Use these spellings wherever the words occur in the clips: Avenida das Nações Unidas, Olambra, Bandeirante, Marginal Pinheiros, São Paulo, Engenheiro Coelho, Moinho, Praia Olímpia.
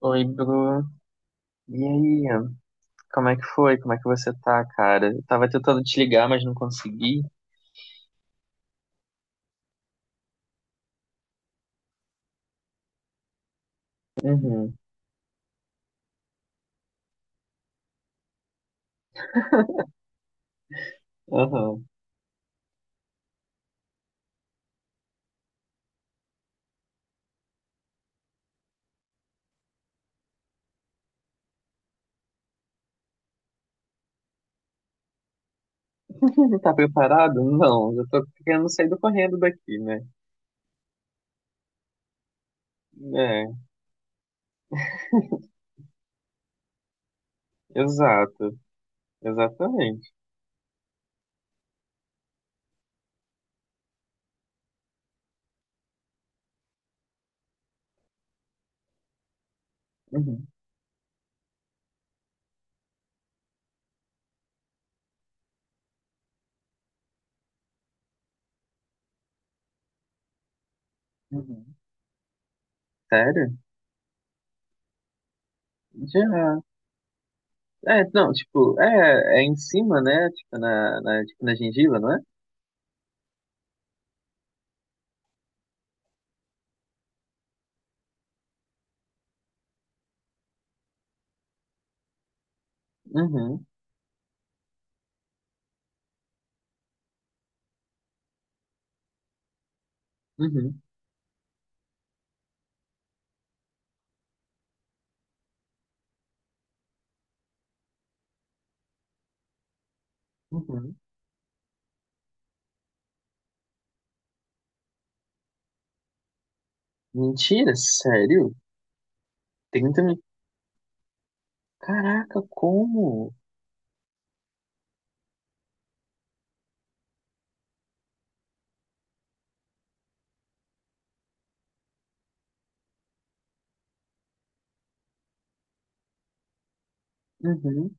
Oi, Bru. E aí? Como é que foi? Como é que você tá, cara? Eu tava tentando te ligar, mas não consegui. Uhum, uhum. Tá preparado? Não, eu tô querendo sair do correndo daqui, né? É, exato. Exatamente. Uhum, uhum. Sério? Já. É, não, tipo, é em cima, né? Tipo, na, tipo, na gengiva, não é? Uhum, uhum, uhum. Mentira, sério? 30 mil. Caraca, como? Uhum.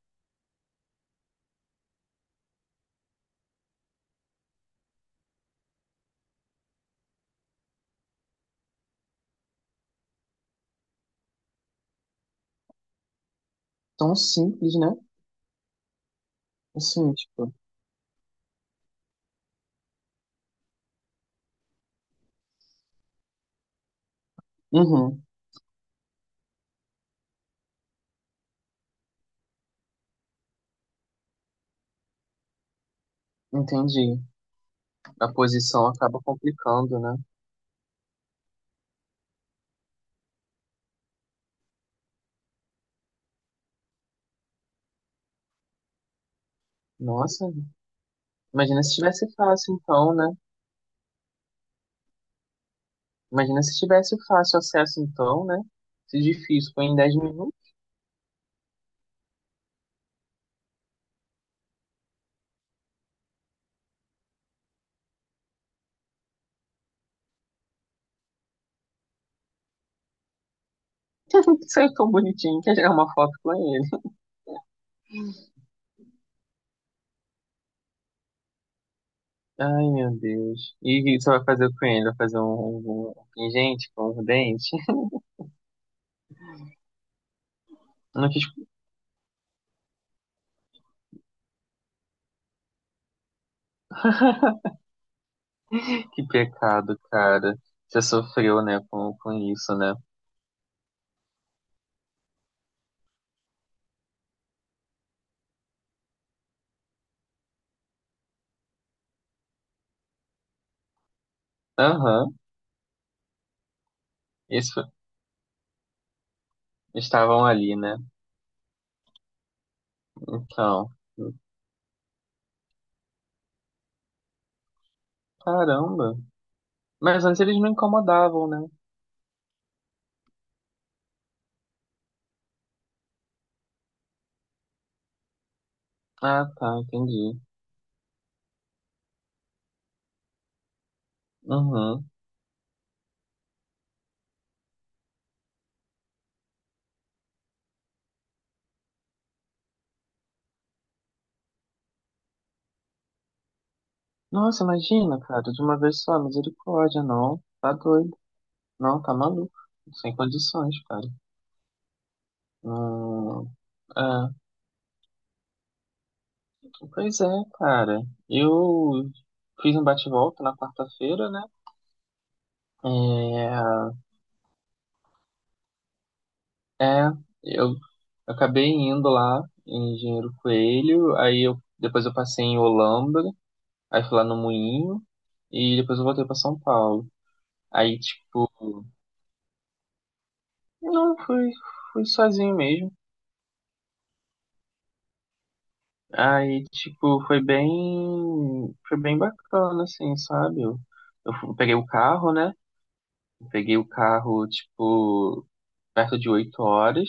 Tão simples, né? Assim, tipo, uhum, entendi. A posição acaba complicando, né? Nossa, imagina se tivesse fácil então, né? Imagina se tivesse fácil acesso então, né? Se difícil foi em 10 minutos, saiu tão bonitinho que já é uma foto com ele. Ai, meu Deus. E o que você vai fazer com ele? Vai fazer um, um pingente com um dente? Não, que pecado, cara. Você sofreu, né, com isso, né? Aham. Eles f- Estavam ali, né? Então, caramba. Mas antes eles não incomodavam, né? Ah, tá, entendi. Uhum. Nossa, imagina, cara, de uma vez só, misericórdia, não. Tá doido. Não, tá maluco. Sem condições, cara. Hum, é. Pois é, cara. Eu fiz um bate-volta na quarta-feira, né? É, é, eu acabei indo lá em Engenheiro Coelho, aí eu depois eu passei em Olambra, aí fui lá no Moinho e depois eu voltei pra São Paulo. Aí, tipo, não, fui, fui sozinho mesmo. Aí, tipo, foi bem bacana, assim, sabe? Eu peguei o carro, né? Peguei o carro, tipo, perto de 8 horas.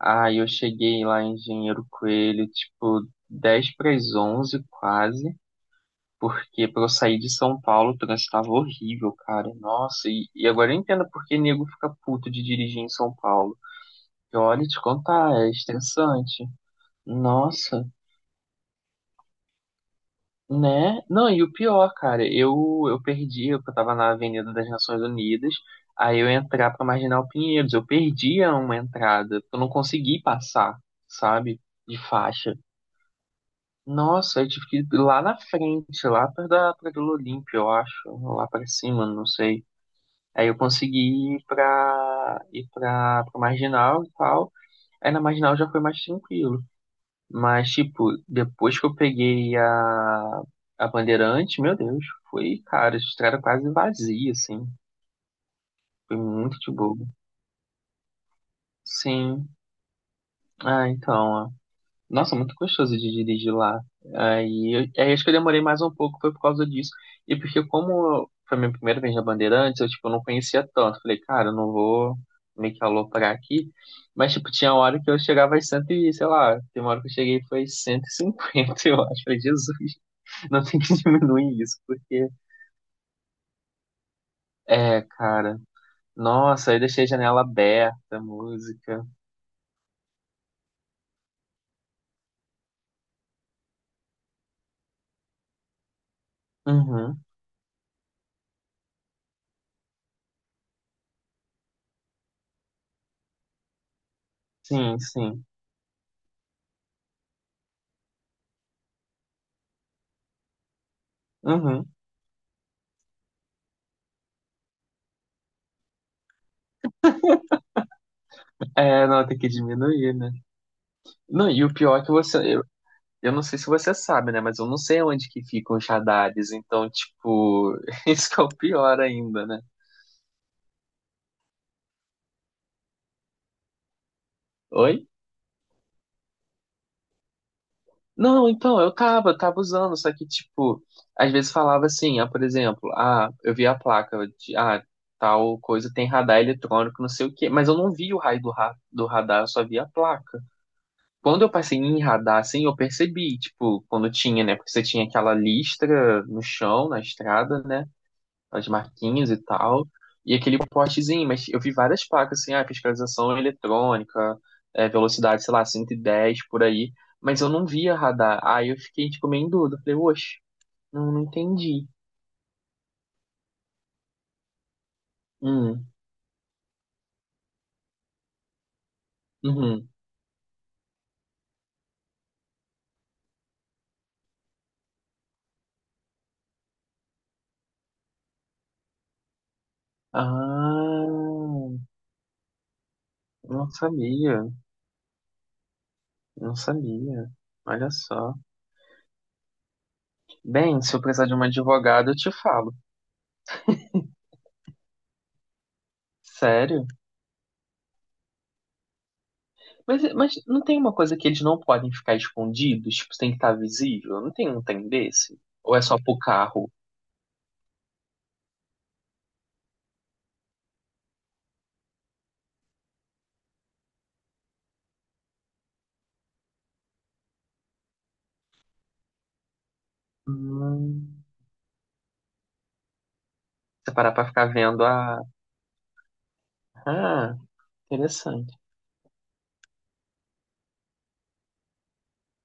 Aí eu cheguei lá em Engenheiro Coelho, tipo, 10 para as 11 quase. Porque pra eu sair de São Paulo, o trânsito tava horrível, cara. Nossa, e agora eu entendo porque nego fica puto de dirigir em São Paulo. E olha, te contar, é estressante. Nossa, né? Não, e o pior, cara, eu perdi, eu tava na Avenida das Nações Unidas, aí eu ia entrar pra Marginal Pinheiros, eu perdi uma entrada, eu não consegui passar, sabe? De faixa. Nossa, eu tive que ir lá na frente, lá perto da Praia Olímpia, eu acho, lá pra cima, não sei. Aí eu consegui pra Marginal e tal. Aí na Marginal já foi mais tranquilo. Mas, tipo, depois que eu peguei a Bandeirante, meu Deus, foi, cara, a estrada quase vazia, assim. Foi muito de bobo. Sim. Ah, então, ó. Nossa, muito gostoso de dirigir lá. Aí acho que eu demorei mais um pouco, foi por causa disso. E porque como foi minha primeira vez na Bandeirantes, eu, tipo, não conhecia tanto. Falei, cara, eu não vou meio que aloprar aqui. Mas, tipo, tinha hora que eu chegava às 100 e, sei lá, tem uma hora que eu cheguei foi 150 eu acho. Falei, Jesus. Não tem que diminuir isso, porque. É, cara. Nossa, eu deixei a janela aberta, música. Uhum. Sim, sim. Uhum. É, não, tem que diminuir, né? Não, e o pior é que você. Eu não sei se você sabe, né? Mas eu não sei onde que ficam os radares. Então, tipo, isso que é o pior ainda, né? Oi? Não, então, eu tava usando, só que, tipo, às vezes falava assim, ah, por exemplo, ah, eu vi a placa de, ah, tal coisa tem radar eletrônico, não sei o quê, mas eu não vi o raio do radar, eu só vi a placa. Quando eu passei em radar, assim, eu percebi, tipo, quando tinha, né, porque você tinha aquela listra no chão, na estrada, né, as marquinhas e tal, e aquele postezinho, mas eu vi várias placas assim, ah, fiscalização eletrônica, é, velocidade, sei lá, 110 por aí, mas eu não via radar. Aí eu fiquei, tipo, meio em dúvida, falei, oxe, não, não entendi. Hum, uhum. Ah, não sabia, não sabia. Olha só. Bem, se eu precisar de uma advogada, eu te falo. Sério? Mas não tem uma coisa que eles não podem ficar escondidos? Tipo, tem que estar visível? Não tem um trem desse? Ou é só pro carro? Hum, você parar pra ficar vendo a. Ah, interessante.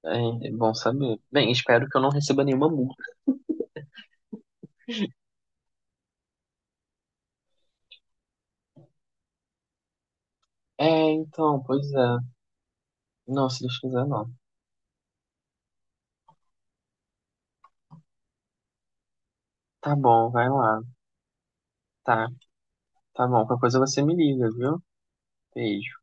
É, é bom saber. Bem, espero que eu não receba nenhuma multa. É, então, pois é. Não, se Deus quiser, não. Tá bom, vai lá. Tá, tá bom. Qualquer coisa você me liga, viu? Beijo.